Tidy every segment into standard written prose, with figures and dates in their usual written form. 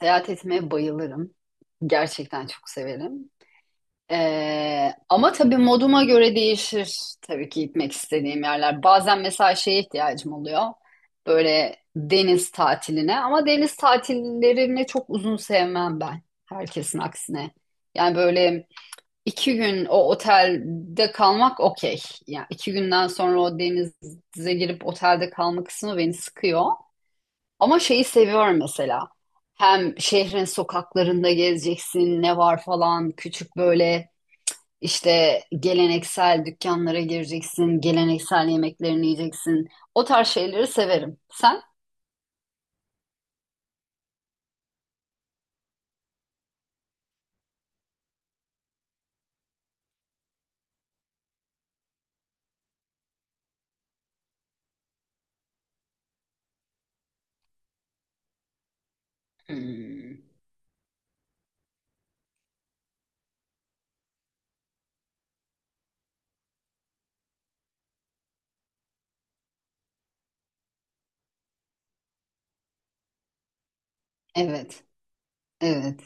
Seyahat etmeye bayılırım. Gerçekten çok severim. Ama tabii moduma göre değişir tabii ki gitmek istediğim yerler. Bazen mesela şeye ihtiyacım oluyor. Böyle deniz tatiline ama deniz tatillerini çok uzun sevmem ben. Herkesin aksine. Yani böyle iki gün o otelde kalmak okey. Yani iki günden sonra o denize girip otelde kalma kısmı beni sıkıyor. Ama şeyi seviyorum mesela. Hem şehrin sokaklarında gezeceksin, ne var falan. Küçük böyle işte geleneksel dükkanlara gireceksin, geleneksel yemeklerini yiyeceksin. O tarz şeyleri severim. Sen? Hmm. Evet, evet.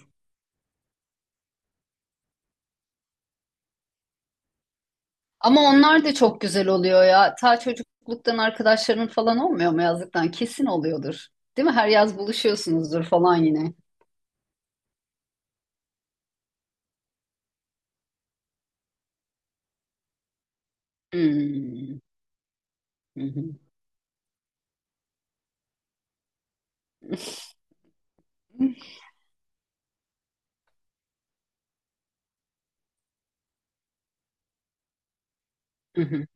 Ama onlar da çok güzel oluyor ya. Ta çocukluktan arkadaşların falan olmuyor mu yazlıktan? Kesin oluyordur. Değil mi? Her yaz buluşuyorsunuzdur falan yine. Hmm. Hı hı. Hı hı.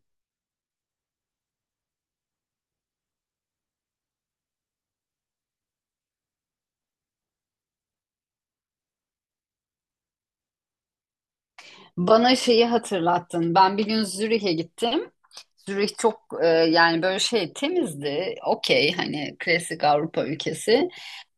Bana şeyi hatırlattın. Ben bir gün Zürih'e gittim. Zürih çok yani böyle şey temizdi. Okey hani klasik Avrupa ülkesi.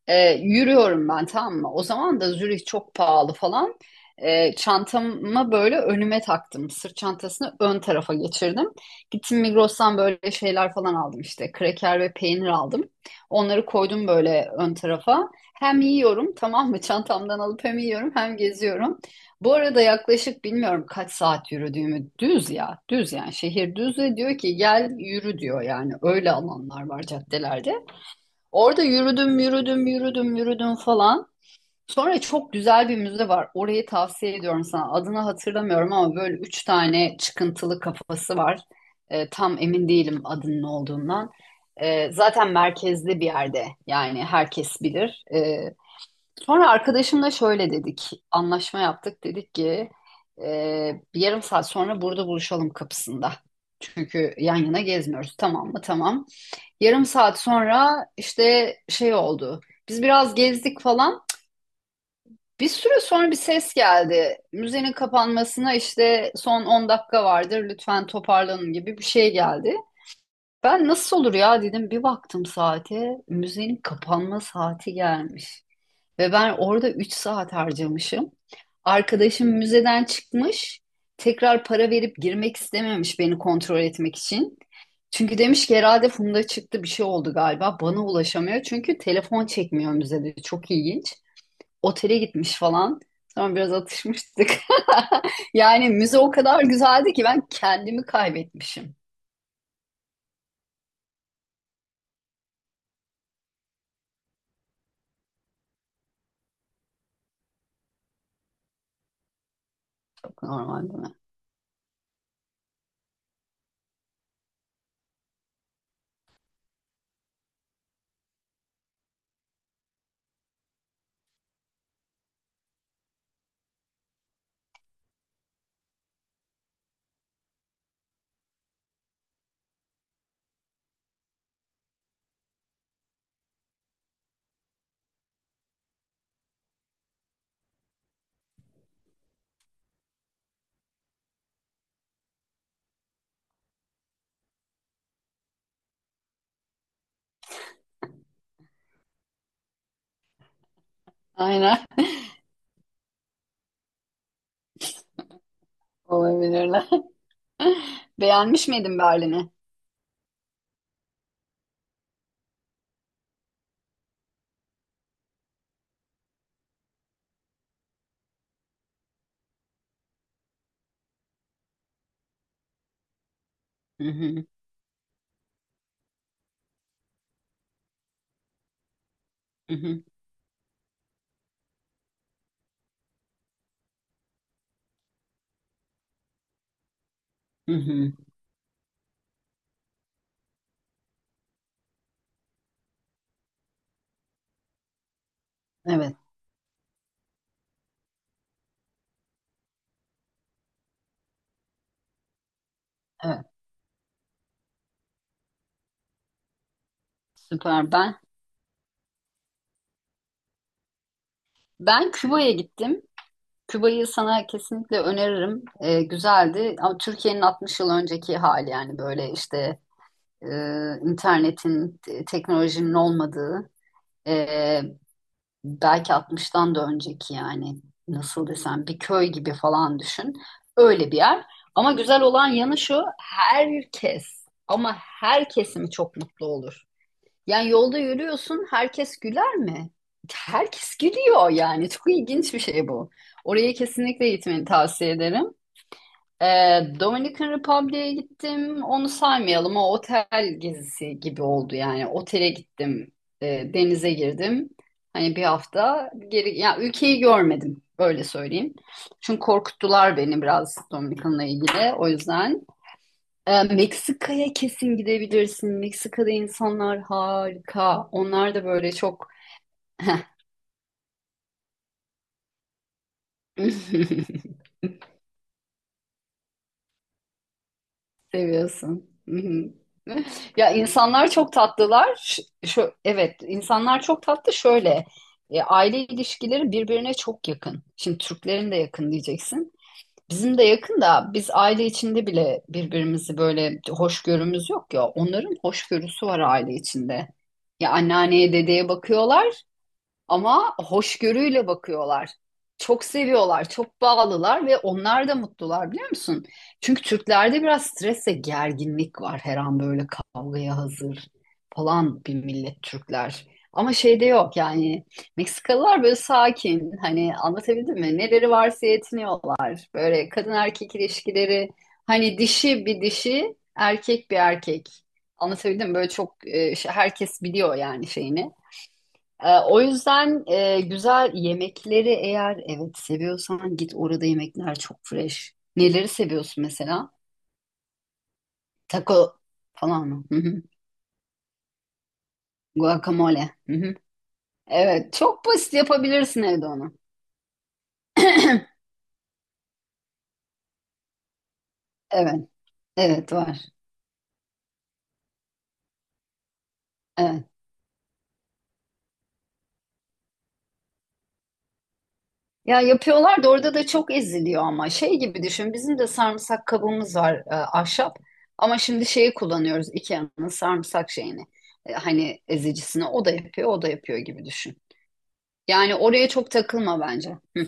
Yürüyorum ben tamam mı? O zaman da Zürih çok pahalı falan. Çantamı böyle önüme taktım. Sırt çantasını ön tarafa geçirdim. Gittim Migros'tan böyle şeyler falan aldım işte. Kraker ve peynir aldım. Onları koydum böyle ön tarafa. Hem yiyorum tamam mı? Çantamdan alıp hem yiyorum hem geziyorum. Bu arada yaklaşık bilmiyorum kaç saat yürüdüğümü. Düz ya. Düz yani. Şehir düz ve diyor ki gel yürü diyor yani. Öyle alanlar var caddelerde. Orada yürüdüm, yürüdüm, yürüdüm, yürüdüm falan. Sonra çok güzel bir müze var. Orayı tavsiye ediyorum sana. Adını hatırlamıyorum ama böyle üç tane çıkıntılı kafası var. Tam emin değilim adının ne olduğundan. Zaten merkezde bir yerde. Yani herkes bilir. Sonra arkadaşımla şöyle dedik. Anlaşma yaptık. Dedik ki bir yarım saat sonra burada buluşalım kapısında. Çünkü yan yana gezmiyoruz. Tamam mı? Tamam. Yarım saat sonra işte şey oldu. Biz biraz gezdik falan. Bir süre sonra bir ses geldi. Müzenin kapanmasına işte son 10 dakika vardır. Lütfen toparlanın gibi bir şey geldi. Ben nasıl olur ya dedim. Bir baktım saate. Müzenin kapanma saati gelmiş. Ve ben orada 3 saat harcamışım. Arkadaşım müzeden çıkmış. Tekrar para verip girmek istememiş beni kontrol etmek için. Çünkü demiş ki herhalde Funda çıktı bir şey oldu galiba. Bana ulaşamıyor. Çünkü telefon çekmiyor müzede. Çok ilginç. Otele gitmiş falan. Sonra biraz atışmıştık. Yani müze o kadar güzeldi ki ben kendimi kaybetmişim. Çok normal değil mi? Aynen. Olabilirler. Beğenmiş miydin Berlin'i? Hı hı. Hı hı. Hı hı. Evet. Evet. Süper. Ben Küba'ya gittim. Küba'yı sana kesinlikle öneririm. Güzeldi ama Türkiye'nin 60 yıl önceki hali yani böyle işte e, internetin, teknolojinin olmadığı e, belki 60'tan da önceki yani nasıl desem bir köy gibi falan düşün. Öyle bir yer. Ama güzel olan yanı şu herkes ama her kesimi çok mutlu olur. Yani yolda yürüyorsun, herkes güler mi? Herkes gülüyor yani. Çok ilginç bir şey bu. Oraya kesinlikle gitmeni tavsiye ederim. Ee, Dominican Republic'e gittim. Onu saymayalım. O otel gezisi gibi oldu yani. Otele gittim. Denize girdim. Hani bir hafta geri, ya ülkeyi görmedim. Öyle söyleyeyim. Çünkü korkuttular beni biraz Dominican'la ilgili. O yüzden. Meksika'ya kesin gidebilirsin. Meksika'da insanlar harika. Onlar da böyle çok seviyorsun. Ya insanlar çok tatlılar. Şu, evet, insanlar çok tatlı. Şöyle, aile ilişkileri birbirine çok yakın. Şimdi Türklerin de yakın diyeceksin. Bizim de yakın da biz aile içinde bile birbirimizi böyle hoşgörümüz yok ya. Onların hoşgörüsü var aile içinde. Ya anneanneye dedeye bakıyorlar. Ama hoşgörüyle bakıyorlar. Çok seviyorlar, çok bağlılar ve onlar da mutlular biliyor musun? Çünkü Türklerde biraz stres ve gerginlik var. Her an böyle kavgaya hazır falan bir millet Türkler. Ama şeyde yok yani Meksikalılar böyle sakin hani anlatabildim mi? Neleri varsa yetiniyorlar. Böyle kadın erkek ilişkileri hani dişi bir dişi erkek bir erkek. Anlatabildim mi? Böyle çok herkes biliyor yani şeyini. O yüzden güzel yemekleri eğer evet seviyorsan git orada yemekler çok fresh. Neleri seviyorsun mesela? Taco falan mı? Hı hı. Guacamole. Hı hı. Evet çok basit yapabilirsin evde onu. Evet, evet var. Evet. Ya yapıyorlar da orada da çok eziliyor ama şey gibi düşün. Bizim de sarımsak kabımız var ahşap. Ama şimdi şeyi kullanıyoruz. IKEA'nın sarımsak şeyini. Hani ezicisini o da yapıyor, o da yapıyor gibi düşün. Yani oraya çok takılma bence. Hı.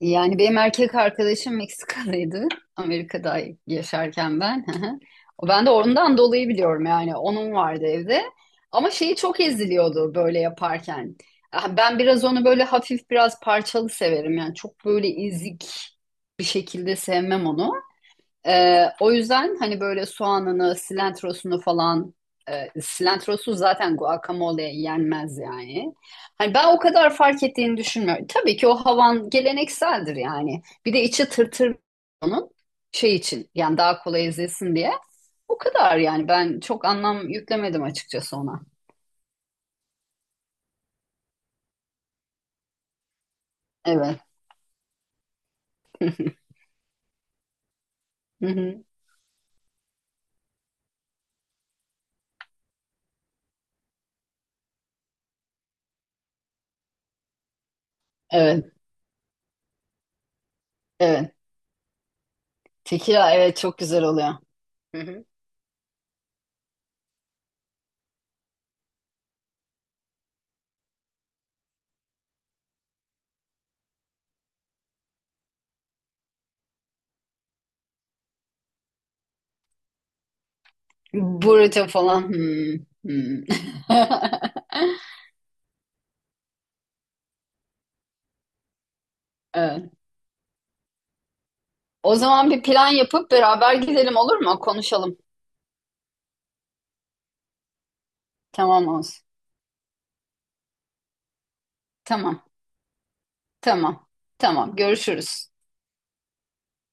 Yani benim erkek arkadaşım Meksikalıydı. Amerika'da yaşarken ben. Hı hı. Ben de ondan dolayı biliyorum yani. Onun vardı evde. Ama şeyi çok eziliyordu böyle yaparken. Ah, ben biraz onu böyle hafif biraz parçalı severim. Yani çok böyle ezik bir şekilde sevmem onu. O yüzden hani böyle soğanını, silantrosunu falan silantrosu zaten guacamole'ye yenmez yani. Hani ben o kadar fark ettiğini düşünmüyorum. Tabii ki o havan gelenekseldir yani. Bir de içi tırtır onun şey için yani daha kolay ezilsin diye. O kadar yani ben çok anlam yüklemedim açıkçası ona. Evet. Hı hı. Evet. Evet. Tekila evet çok güzel oluyor. Hı hı. Burrito falan. Hmm. Hmm. Evet. O zaman bir plan yapıp beraber gidelim olur mu? Konuşalım. Tamam olsun. Tamam. Tamam. Tamam. Görüşürüz.